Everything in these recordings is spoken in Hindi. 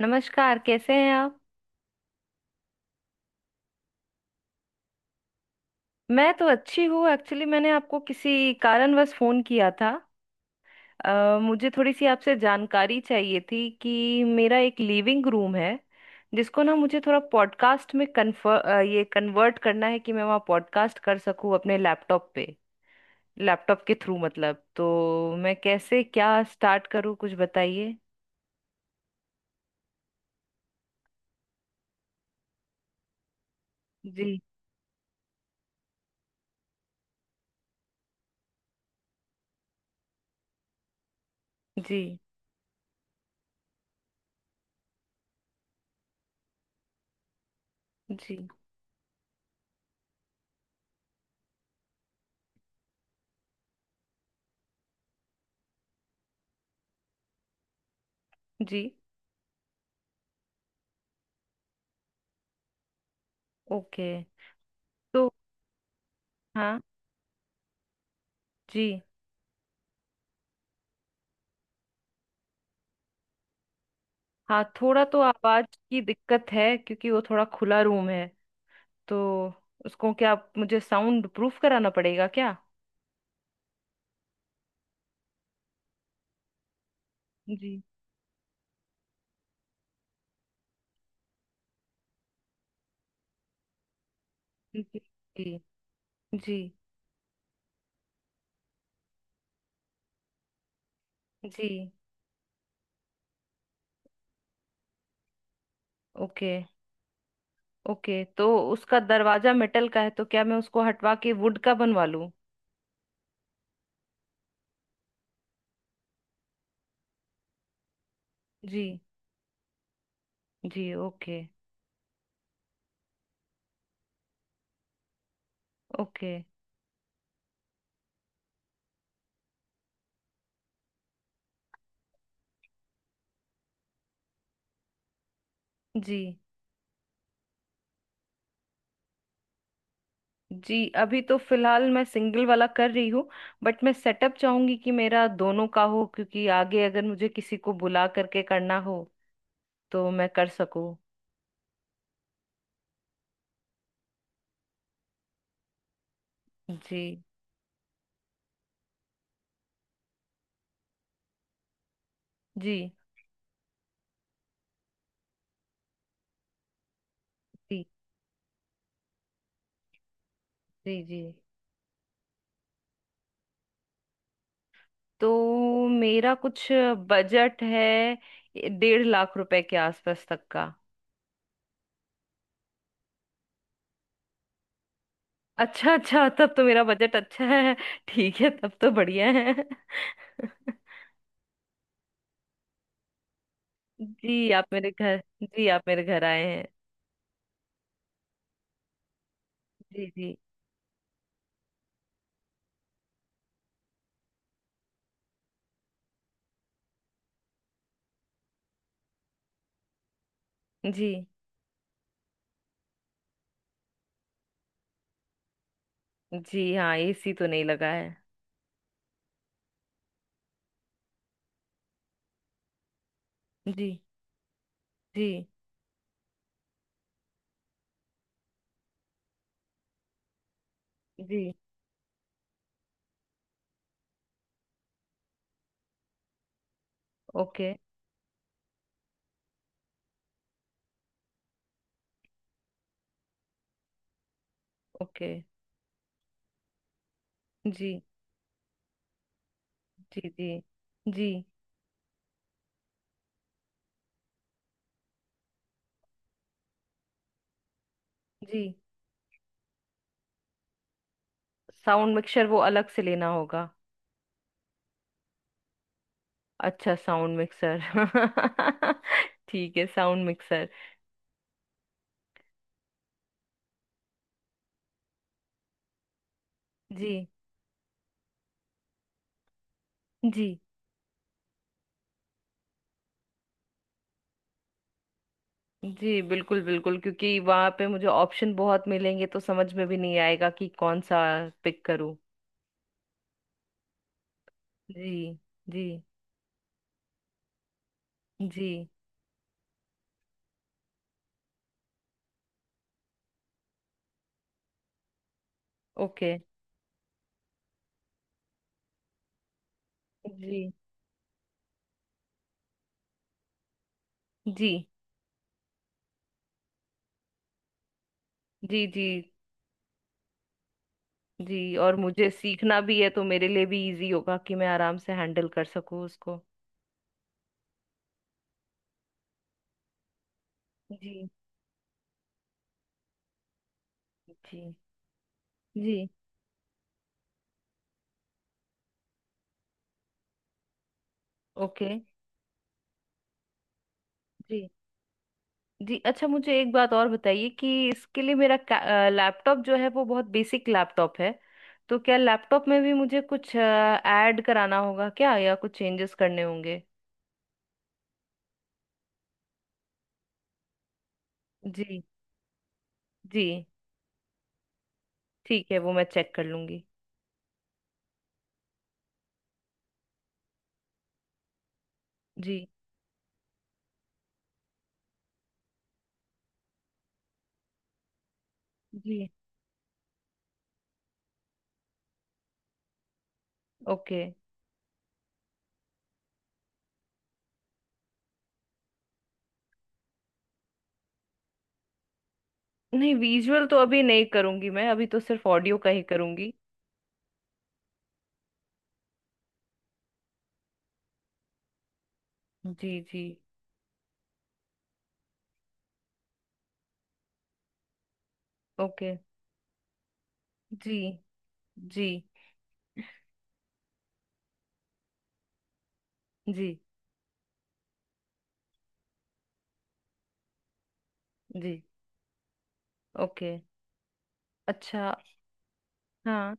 नमस्कार। कैसे हैं आप? मैं तो अच्छी हूँ। एक्चुअली मैंने आपको किसी कारणवश फोन किया था। मुझे थोड़ी सी आपसे जानकारी चाहिए थी कि मेरा एक लिविंग रूम है, जिसको ना मुझे थोड़ा पॉडकास्ट में कन्फर ये कन्वर्ट करना है कि मैं वहाँ पॉडकास्ट कर सकूँ अपने लैपटॉप पे, लैपटॉप के थ्रू मतलब। तो मैं कैसे क्या स्टार्ट करूँ, कुछ बताइए। जी। जी। जी। जी। ओके। तो हाँ, जी। हाँ, थोड़ा तो आवाज की दिक्कत है क्योंकि वो थोड़ा खुला रूम है। तो उसको क्या मुझे साउंड प्रूफ कराना पड़ेगा क्या? जी। जी। जी। जी। जी। ओके। ओके। तो उसका दरवाजा मेटल का है, तो क्या मैं उसको हटवा के वुड का बनवा लूं? जी। जी। ओके। ओके। जी। जी, अभी तो फिलहाल मैं सिंगल वाला कर रही हूँ, बट मैं सेटअप चाहूंगी कि मेरा दोनों का हो, क्योंकि आगे अगर मुझे किसी को बुला करके करना हो तो मैं कर सकूं। जी। जी। जी। जी। जी। तो मेरा कुछ बजट है 1.5 लाख रुपए के आसपास तक का। अच्छा, अच्छा, तब तो मेरा बजट अच्छा है। ठीक है, तब तो बढ़िया है। जी। आप मेरे घर जी, आप मेरे घर आए हैं। जी। जी। जी। जी, हाँ, एसी तो नहीं लगा है। जी। जी। जी। ओके। ओके। जी। जी। जी। जी। जी। साउंड मिक्सर वो अलग से लेना होगा? अच्छा, साउंड मिक्सर। ठीक है, साउंड मिक्सर। जी। जी। जी, बिल्कुल बिल्कुल, क्योंकि वहां पे मुझे ऑप्शन बहुत मिलेंगे तो समझ में भी नहीं आएगा कि कौन सा पिक करूं। जी। जी। जी। ओके। जी। जी। जी। जी। जी। और मुझे सीखना भी है तो मेरे लिए भी इजी होगा कि मैं आराम से हैंडल कर सकूं उसको। जी। जी। जी। ओके। जी। जी। अच्छा, मुझे एक बात और बताइए कि इसके लिए मेरा लैपटॉप जो है वो बहुत बेसिक लैपटॉप है। तो क्या लैपटॉप में भी मुझे कुछ ऐड कराना होगा क्या, या कुछ चेंजेस करने होंगे? जी। जी। ठीक है, वो मैं चेक कर लूंगी। जी। जी। ओके। नहीं, विजुअल तो अभी नहीं करूंगी, मैं अभी तो सिर्फ ऑडियो का ही करूंगी। जी। जी। ओके। जी। जी। जी। जी। ओके। अच्छा। हाँ।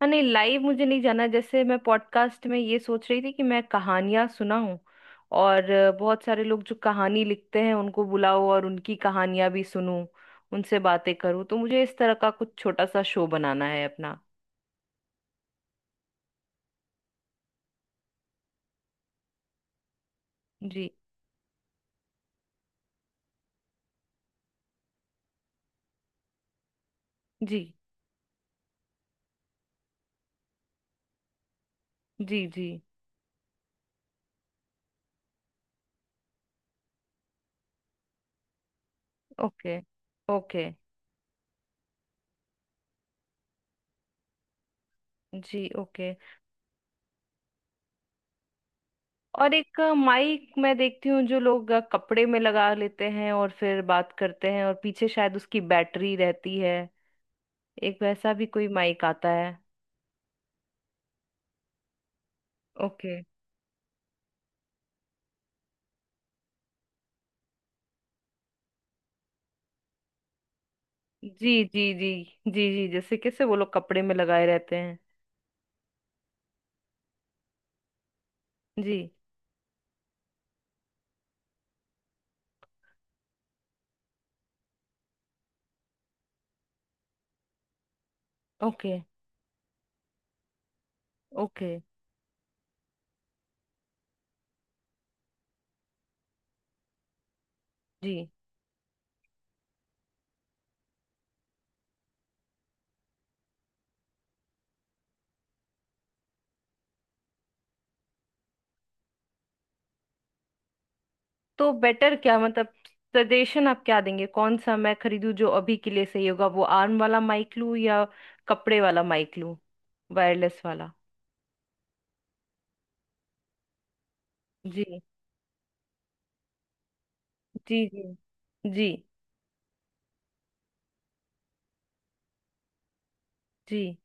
हाँ, नहीं, लाइव मुझे नहीं जाना। जैसे मैं पॉडकास्ट में ये सोच रही थी कि मैं कहानियां सुनाऊं, और बहुत सारे लोग जो कहानी लिखते हैं उनको बुलाओ और उनकी कहानियां भी सुनूं, उनसे बातें करूं। तो मुझे इस तरह का कुछ छोटा सा शो बनाना है अपना। जी। जी। जी। जी। ओके। ओके। जी। ओके। और एक माइक मैं देखती हूँ जो लोग कपड़े में लगा लेते हैं और फिर बात करते हैं, और पीछे शायद उसकी बैटरी रहती है। एक वैसा भी कोई माइक आता है? ओके। जी। जी। जी। जी। जी, जैसे कैसे वो लोग कपड़े में लगाए रहते हैं। जी। ओके। ओके। जी। तो बेटर क्या, मतलब सजेशन आप क्या देंगे, कौन सा मैं खरीदूं जो अभी के लिए सही होगा? वो आर्म वाला माइक लूं या कपड़े वाला माइक लूं, वायरलेस वाला? जी। जी। जी। जी। जी।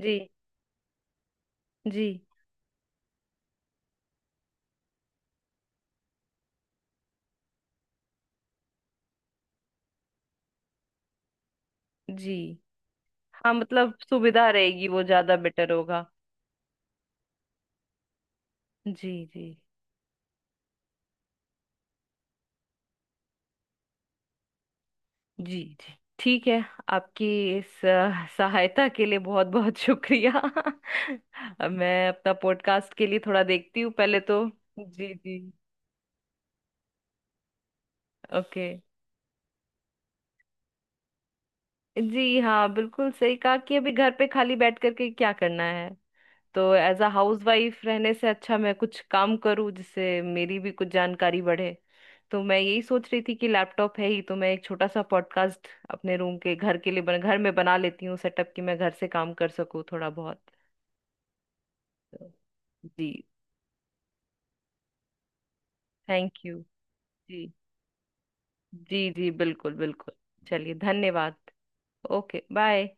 जी। जी। जी, हाँ, मतलब सुविधा रहेगी, वो ज्यादा बेटर होगा। जी। जी। जी। जी। ठीक है। आपकी इस सहायता के लिए बहुत बहुत शुक्रिया। अब मैं अपना पॉडकास्ट के लिए थोड़ा देखती हूँ पहले तो। जी। जी। ओके। जी, हाँ, बिल्कुल सही कहा कि अभी घर पे खाली बैठ करके क्या करना है। तो एज अ हाउस वाइफ रहने से अच्छा मैं कुछ काम करूँ जिससे मेरी भी कुछ जानकारी बढ़े। तो मैं यही सोच रही थी कि लैपटॉप है ही, तो मैं एक छोटा सा पॉडकास्ट अपने रूम के घर के लिए घर में बना लेती हूँ सेटअप, कि मैं घर से काम कर सकूँ थोड़ा बहुत। तो जी, थैंक यू। जी। जी। जी, बिल्कुल बिल्कुल। चलिए, धन्यवाद। Okay, bye.